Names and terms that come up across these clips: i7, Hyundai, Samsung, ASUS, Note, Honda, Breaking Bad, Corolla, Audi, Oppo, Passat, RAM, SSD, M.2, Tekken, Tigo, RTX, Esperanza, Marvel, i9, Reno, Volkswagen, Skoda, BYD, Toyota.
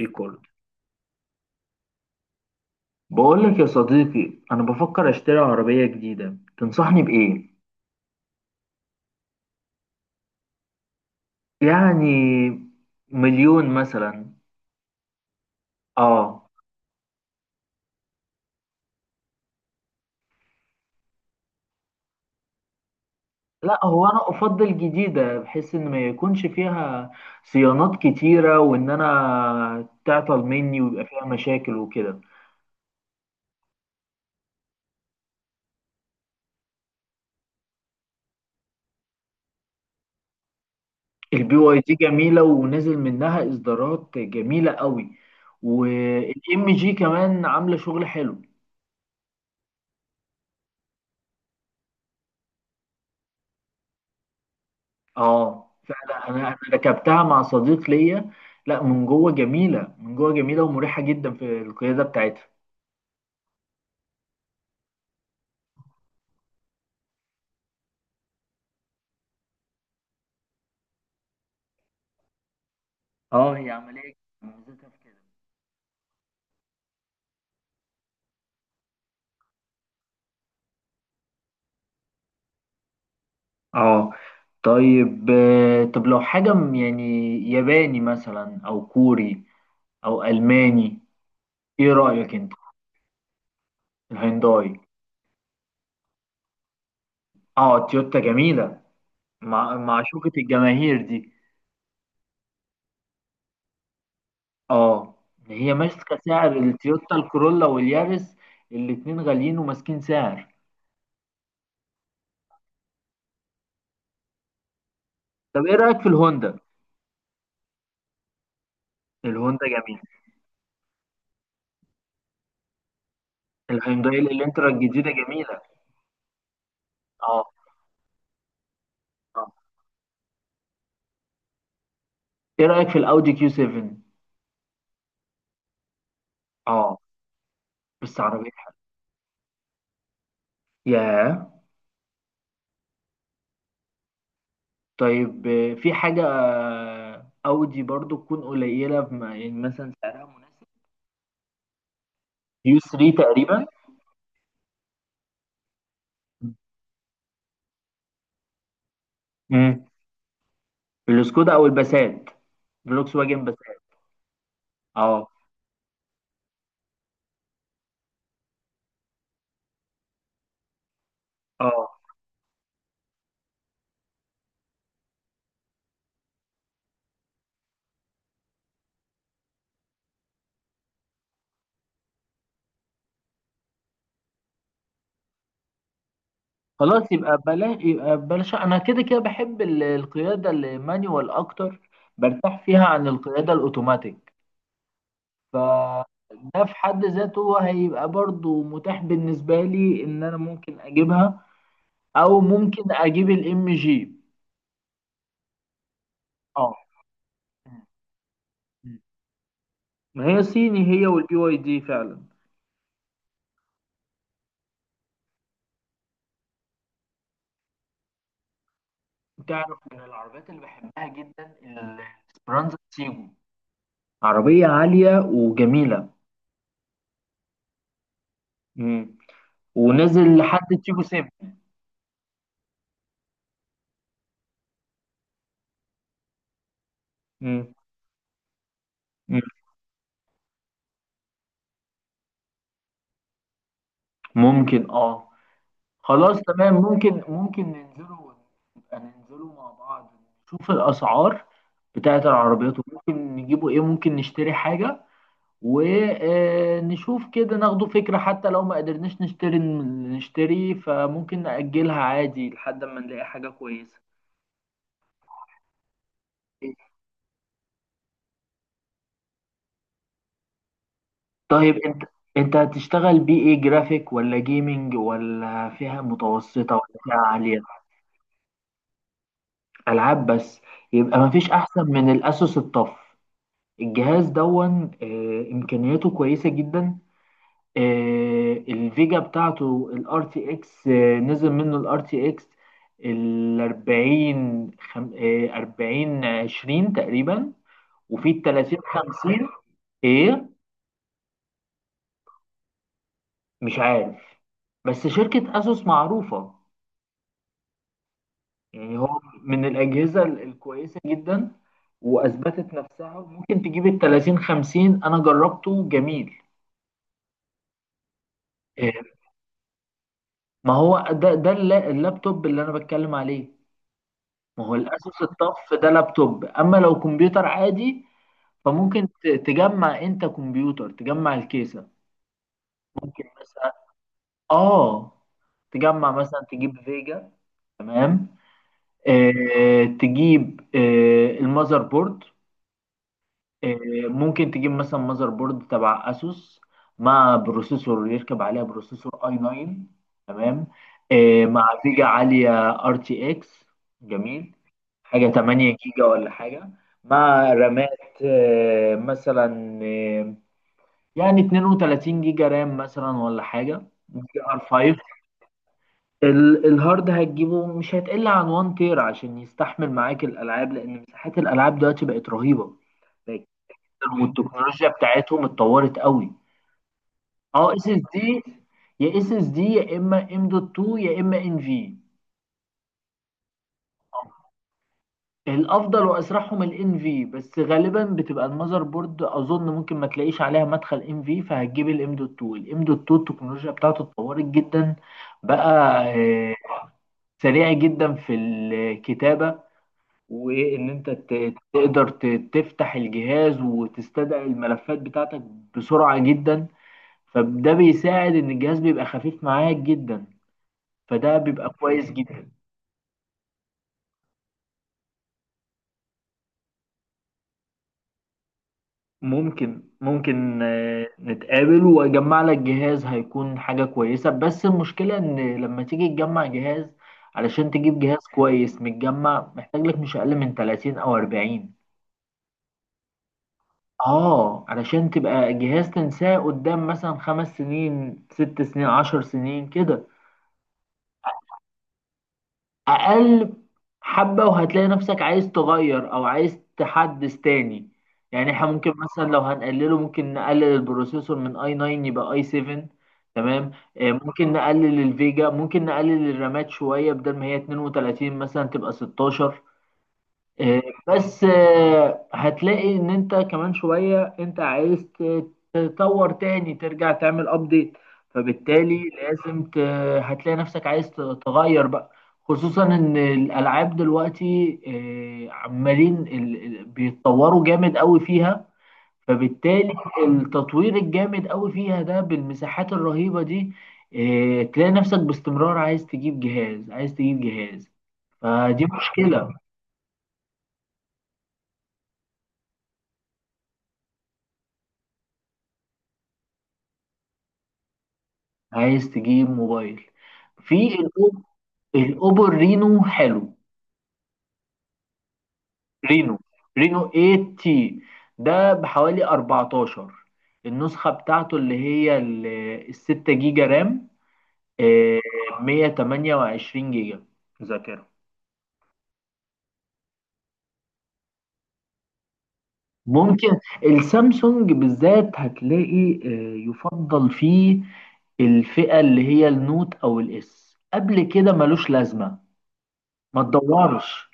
ريكورد. بقول لك يا صديقي، انا بفكر اشتري عربية جديدة، تنصحني بإيه؟ يعني مليون مثلا. اه، لا، هو انا افضل جديدة بحيث ان ما يكونش فيها صيانات كتيرة، وان انا تعطل مني ويبقى فيها مشاكل وكده. البي واي دي جميلة ونزل منها اصدارات جميلة قوي. والام جي كمان عاملة شغل حلو. اه فعلا، انا ركبتها مع صديق ليا. لا، من جوه جميله، من جوه جميله ومريحه جدا في القياده بتاعتها. اه، هي عمليه، ميزتها في كده. اه، طيب، طب لو حاجه يعني ياباني مثلا، او كوري، او الماني، ايه رايك انت؟ الهيونداي. اه، تويوتا جميله، مع معشوقه الجماهير دي. اه، هي ماسكه سعر، التويوتا الكورولا واليارس الاتنين غاليين وماسكين سعر. طب ايه رايك في الهوندا؟ الهوندا جميل. الهيونداي الانترا الجديده جميله. اه. اه، ايه رايك في الاودي كيو 7؟ اه، بس عربيه حلوه. ياه. طيب، في حاجه اودي برضو تكون قليله يعني مثلا سعرها مناسب. يو 3 تقريبا. امم السكودا او الباسات، فولكس واجن باسات. اه. اه. خلاص، يبقى بلاش يبقى بلاش، انا كده كده بحب القياده المانيوال اكتر. برتاح فيها عن القياده الاوتوماتيك. فده في حد ذاته هيبقى برضو متاح بالنسبة لي، ان انا ممكن اجيبها، او ممكن اجيب الام جي. اه، ما هي صيني، هي والبي واي دي فعلا. تعرف من العربيات اللي بحبها جدا، الاسبرانزا تيجو، عربية عالية وجميلة. مم. ونزل لحد تيجو سيب. مم. مم. ممكن. اه. خلاص تمام، ممكن نبقى ننزلوا مع بعض، نشوف الأسعار بتاعت العربيات، وممكن نجيبوا إيه، ممكن نشتري حاجة ونشوف كده، ناخدوا فكرة. حتى لو ما قدرناش نشتري، فممكن نأجلها عادي لحد ما نلاقي حاجة كويسة. طيب انت هتشتغل بيه ايه؟ جرافيك ولا جيمنج؟ ولا فيها متوسطة ولا فيها عالية؟ ألعاب بس. يبقى مفيش أحسن من الأسوس الطف. الجهاز دون، امكانياته كويسه جدا. الفيجا بتاعته الار تي اكس. نزل منه الار تي اكس ال 40، 40 20 تقريبا، وفي ال 30 50. ايه؟ مش عارف، بس شركه اسوس معروفه. يعني هو من الاجهزه الكويسه جدا، واثبتت نفسها، وممكن تجيب ال 30 50، انا جربته جميل. آه، ما هو ده اللابتوب اللي انا بتكلم عليه. ما هو الاساس الطف ده لابتوب. اما لو كمبيوتر عادي، فممكن تجمع انت كمبيوتر، تجمع الكيسة. ممكن مثلا. اه، تجمع مثلا، تجيب فيجا. تمام. تجيب المذر بورد. آه، ممكن تجيب مثلا ماذر بورد تبع اسوس، مع بروسيسور، يركب عليها بروسيسور اي 9. تمام. مع فيجا عاليه ار تي اكس. جميل. حاجه 8 جيجا ولا حاجه. مع رامات، آه، مثلا آه، يعني 32 جيجا رام مثلا، ولا حاجه جي ار 5. الهارد هتجيبه مش هتقل عن 1 تير، عشان يستحمل معاك الالعاب، لان مساحات الالعاب دلوقتي بقت رهيبه، والتكنولوجيا بتاعتهم اتطورت قوي. اه، اس اس دي. يا اس اس دي، يا اما ام دوت 2، يا اما ان في. الافضل واسرعهم الان في، بس غالبا بتبقى المذر بورد، اظن ممكن ما تلاقيش عليها مدخل ان في، فهتجيب الام دوت 2. الام دوت 2 التكنولوجيا بتاعته اتطورت جدا بقى. سريع جدا في الكتابه، وان انت تقدر تفتح الجهاز وتستدعي الملفات بتاعتك بسرعه جدا. فده بيساعد ان الجهاز بيبقى خفيف معاك جدا. فده بيبقى كويس جدا. ممكن نتقابل واجمع لك جهاز، هيكون حاجة كويسة. بس المشكلة ان لما تيجي تجمع جهاز، علشان تجيب جهاز كويس متجمع، محتاج لك مش اقل من 30 او 40. اه، علشان تبقى جهاز تنساه قدام مثلا 5 سنين، 6 سنين، 10 سنين كده. اقل حبة وهتلاقي نفسك عايز تغير، او عايز تحدث تاني. يعني احنا ممكن مثلا، لو هنقلله، ممكن نقلل البروسيسور من اي 9 يبقى اي 7. تمام. ممكن نقلل الفيجا، ممكن نقلل الرامات شوية، بدل ما هي 32 مثلا تبقى 16. آه، بس هتلاقي ان انت كمان شوية انت عايز تطور تاني، ترجع تعمل ابديت، فبالتالي لازم هتلاقي نفسك عايز تغير بقى، خصوصا ان الالعاب دلوقتي عمالين بيتطوروا جامد قوي فيها. فبالتالي التطوير الجامد قوي فيها ده، بالمساحات الرهيبة دي، تلاقي نفسك باستمرار عايز تجيب جهاز، عايز تجيب جهاز. فدي مشكلة. عايز تجيب موبايل. في الاوبو رينو حلو. رينو رينو 8 تي، ده بحوالي 14. النسخة بتاعته اللي هي الستة جيجا رام، آه، 128 جيجا ذاكرة. ممكن. السامسونج بالذات هتلاقي، يفضل فيه الفئة اللي هي النوت أو الإس. قبل كده ملوش لازمة، ما تدورش.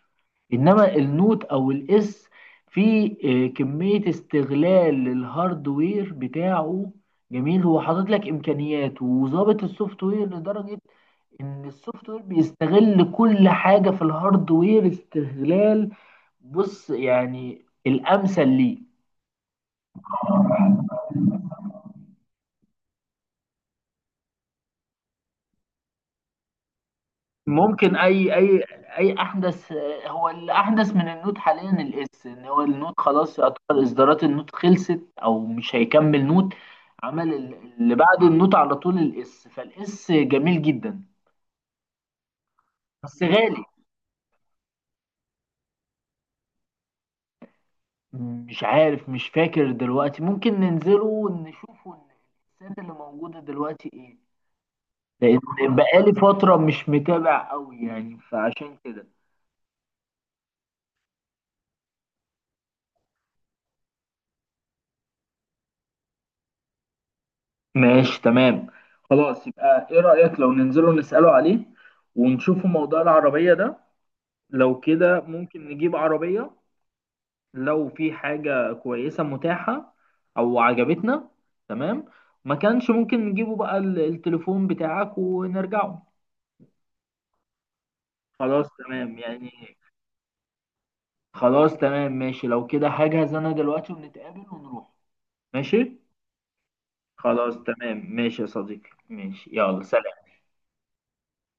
انما النوت او الاس، في كمية استغلال للهاردوير بتاعه جميل، هو حاطط لك امكانيات وظابط السوفت وير لدرجة ان السوفت وير بيستغل كل حاجة في الهاردوير استغلال. بص يعني الامثل ليه. ممكن. اي احدث. هو الاحدث من النوت حاليا الاس، ان هو النوت خلاص يعتبر اصدارات النوت خلصت، او مش هيكمل نوت. عمل اللي بعده النوت على طول الاس. فالاس جميل جدا، بس غالي. مش عارف، مش فاكر دلوقتي. ممكن ننزله ونشوفه الاسات اللي موجودة دلوقتي ايه، لان بقالي فترة مش متابع قوي يعني فعشان كده. ماشي، تمام. خلاص، يبقى ايه رأيك لو ننزله نسأله عليه، ونشوفه موضوع العربية ده؟ لو كده ممكن نجيب عربية، لو في حاجة كويسة متاحة او عجبتنا. تمام. ما كانش ممكن نجيبه بقى التليفون بتاعك ونرجعه. خلاص تمام يعني. خلاص تمام ماشي، لو كده هجهز انا دلوقتي ونتقابل ونروح. ماشي. خلاص تمام ماشي يا صديقي، ماشي، يلا سلام.